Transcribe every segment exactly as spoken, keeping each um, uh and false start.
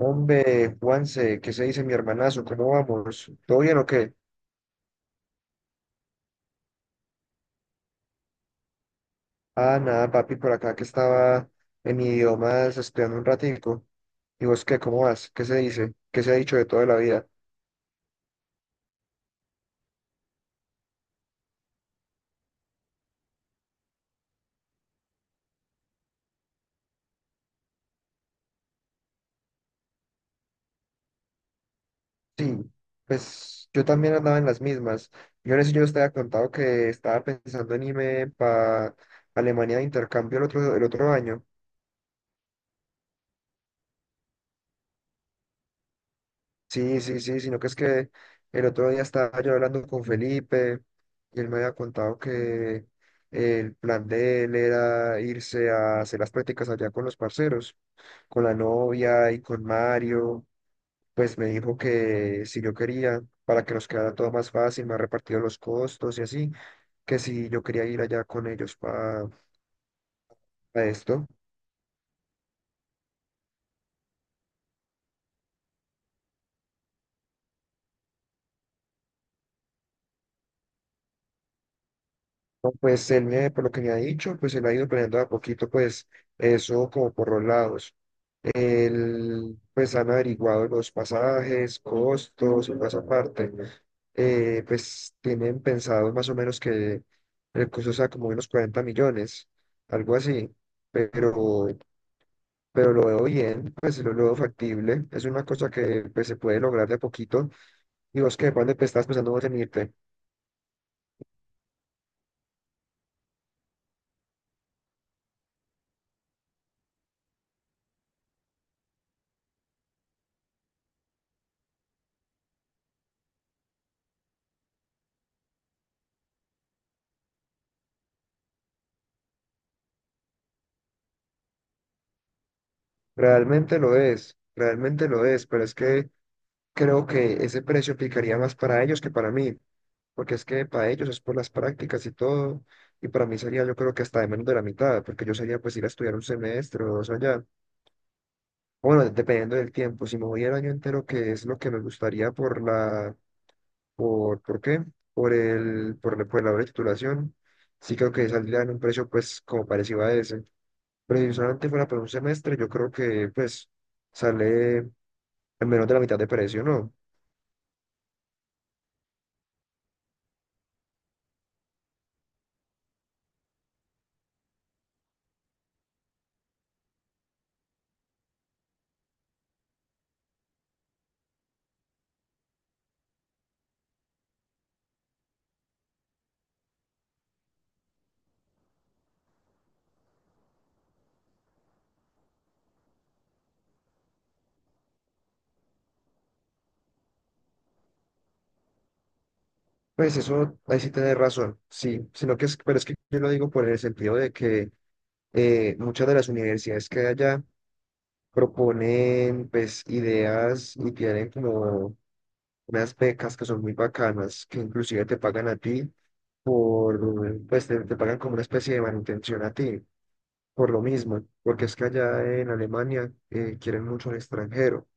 Hombre, Juanse, ¿qué se dice mi hermanazo? ¿Cómo vamos? ¿Todo bien o qué? Ah, nada, papi, por acá que estaba en idiomas estudiando un ratico. ¿Y vos qué? ¿Cómo vas? ¿Qué se dice? ¿Qué se ha dicho de toda la vida? Sí, pues yo también andaba en las mismas. Yo les yo os había contado que estaba pensando en irme para Alemania de intercambio el otro, el otro año. Sí, sí, sí, sino que es que el otro día estaba yo hablando con Felipe y él me había contado que el plan de él era irse a hacer las prácticas allá con los parceros, con la novia y con Mario. Pues me dijo que si yo quería, para que nos quedara todo más fácil, me ha repartido los costos y así, que si yo quería ir allá con ellos para esto. No, pues él me, por lo que me ha dicho, pues él ha ido planeando de a poquito, pues eso como por los lados. El- pues han averiguado los pasajes, costos y toda esa parte. Eh, pues tienen pensado más o menos que el costo sea como unos cuarenta millones, algo así. Pero, pero lo veo bien, pues lo, lo veo factible. Es una cosa que, pues, se puede lograr de a poquito. Y vos que de pronto, pues, estás pensando vos en irte. Realmente lo es, realmente lo es, pero es que creo que ese precio aplicaría más para ellos que para mí. Porque es que para ellos es por las prácticas y todo, y para mí sería, yo creo que hasta de menos de la mitad, porque yo sería pues ir a estudiar un semestre o dos allá. Bueno, dependiendo del tiempo, si me voy el año entero, que es lo que me gustaría por la, por, ¿por qué? Por el, por, la- por la hora de titulación, sí creo que saldría en un precio pues como parecido a ese. Pero si solamente fuera por un semestre, yo creo que pues sale en menos de la mitad de precio, ¿no? Pues eso, ahí sí tenés razón, sí, sino que es, pero es que yo lo digo por el sentido de que eh, muchas de las universidades que hay allá proponen pues ideas y tienen como unas becas que son muy bacanas, que inclusive te pagan a ti por, pues te, te pagan como una especie de manutención a ti, por lo mismo, porque es que allá en Alemania eh, quieren mucho al extranjero,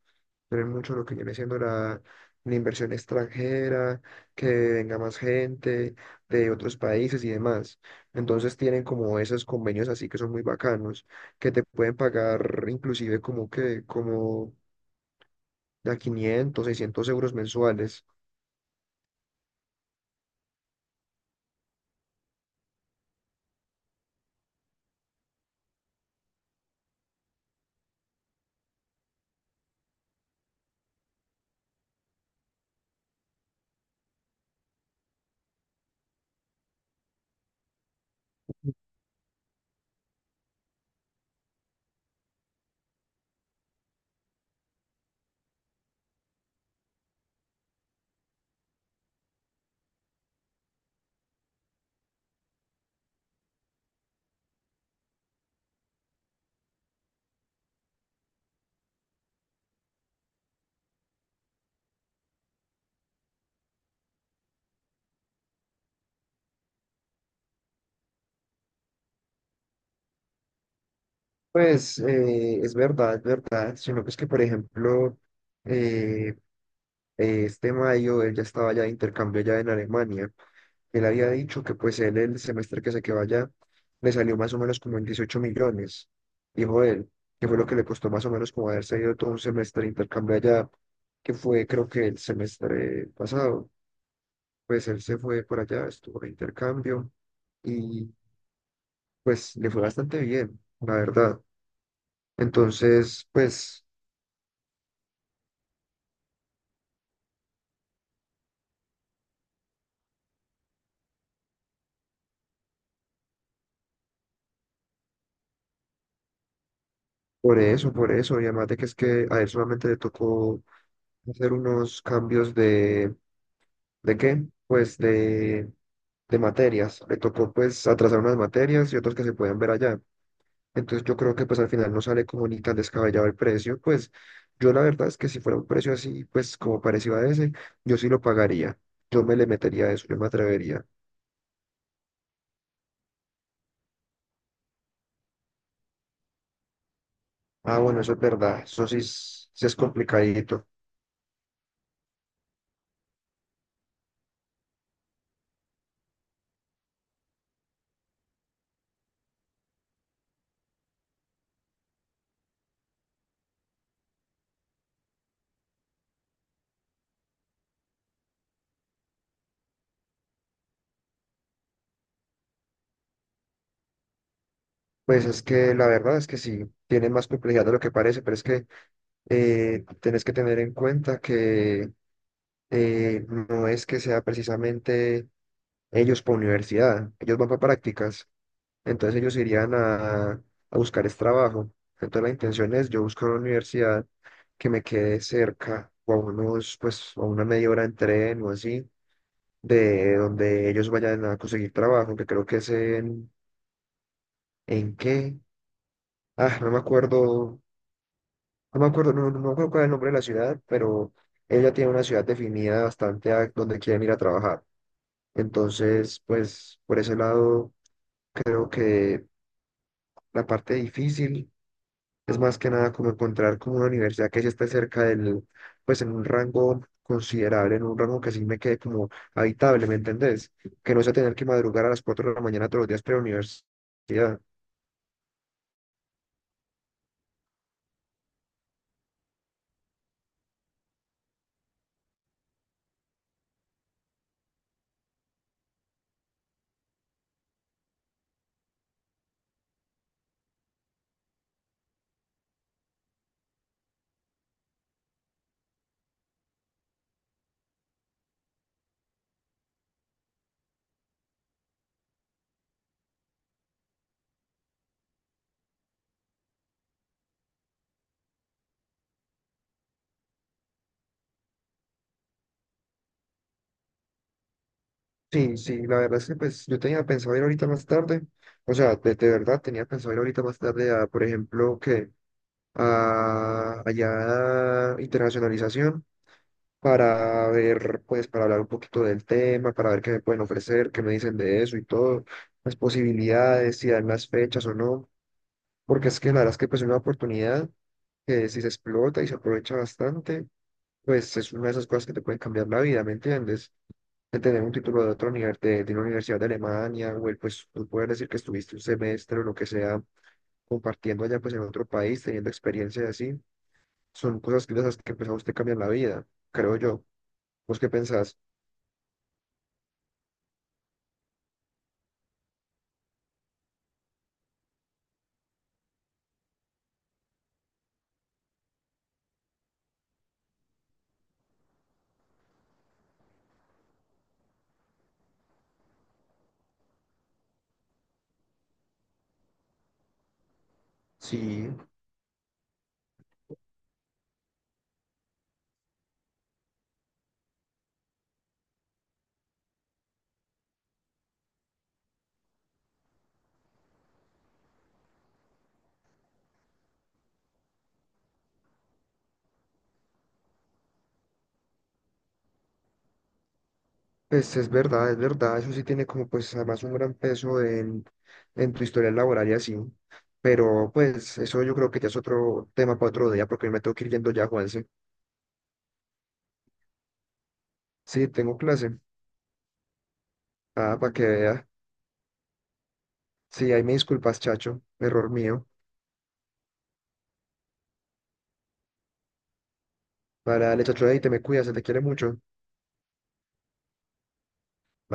tener mucho lo que viene siendo la, la inversión extranjera, que venga más gente de otros países y demás. Entonces tienen como esos convenios así que son muy bacanos, que te pueden pagar inclusive como que, como de quinientos seiscientos euros mensuales. Pues eh, es verdad, es verdad, sino que es que, por ejemplo, eh, eh, este mayo él ya estaba ya de intercambio ya en Alemania. Él había dicho que pues él el semestre que se quedó allá le salió más o menos como en dieciocho millones, dijo él, que fue lo que le costó más o menos como haberse ido todo un semestre de intercambio allá, que fue creo que el semestre pasado. Pues él se fue por allá, estuvo de intercambio y pues le fue bastante bien, la verdad. Entonces, pues por eso, por eso, y además de que es que a él solamente le tocó hacer unos cambios de ¿de qué? Pues de, de, materias. Le tocó pues atrasar unas materias y otras que se pueden ver allá. Entonces yo creo que pues al final no sale como ni tan descabellado el precio. Pues yo la verdad es que si fuera un precio así, pues como parecido a ese, yo sí lo pagaría. Yo me le metería a eso, yo me atrevería. Ah, bueno, eso es verdad. Eso sí es, sí es complicadito. Pues es que la verdad es que sí, tiene más complejidad de lo que parece, pero es que eh, tenés que tener en cuenta que eh, no es que sea precisamente ellos por universidad, ellos van para prácticas, entonces ellos irían a, a buscar es trabajo. Entonces la intención es yo buscar una universidad que me quede cerca o a unos, pues a una media hora en tren o así, de donde ellos vayan a conseguir trabajo, que creo que es en, ¿en qué? Ah, no me acuerdo, no me acuerdo, no, no me acuerdo cuál es el nombre de la ciudad, pero ella tiene una ciudad definida bastante a donde quieren ir a trabajar. Entonces, pues por ese lado creo que la parte difícil es más que nada como encontrar como una universidad que sí esté cerca del, pues en un rango considerable, en un rango que sí me quede como habitable, ¿me entendés? Que no sea tener que madrugar a las cuatro de la mañana todos los días para la universidad. Sí, sí, la verdad es que pues yo tenía pensado ir ahorita más tarde, o sea, de, de verdad tenía pensado ir ahorita más tarde a, por ejemplo, que a allá a internacionalización para ver, pues, para hablar un poquito del tema, para ver qué me pueden ofrecer, qué me dicen de eso y todo, las posibilidades, si dan las fechas o no, porque es que la verdad es que pues es una oportunidad que si se explota y se aprovecha bastante, pues es una de esas cosas que te pueden cambiar la vida, ¿me entiendes? De tener un título de otra univers- de, de una universidad de Alemania, o el, pues tú puedes decir que estuviste un semestre o lo que sea, compartiendo allá pues en otro país, teniendo experiencias así, son cosas que, de esas que pues a usted cambian la vida, creo yo. ¿Vos qué pensás? Sí. Pues es verdad, es verdad, eso sí tiene como pues además un gran peso en, en tu historia laboral y así, pero pues eso yo creo que ya es otro tema para otro día porque me tengo que ir yendo ya, Juanse. Sí, tengo clase. Ah, para que vea. Sí, ahí me disculpas, chacho, error mío. Para el chacho, ahí te me cuidas, se te quiere mucho.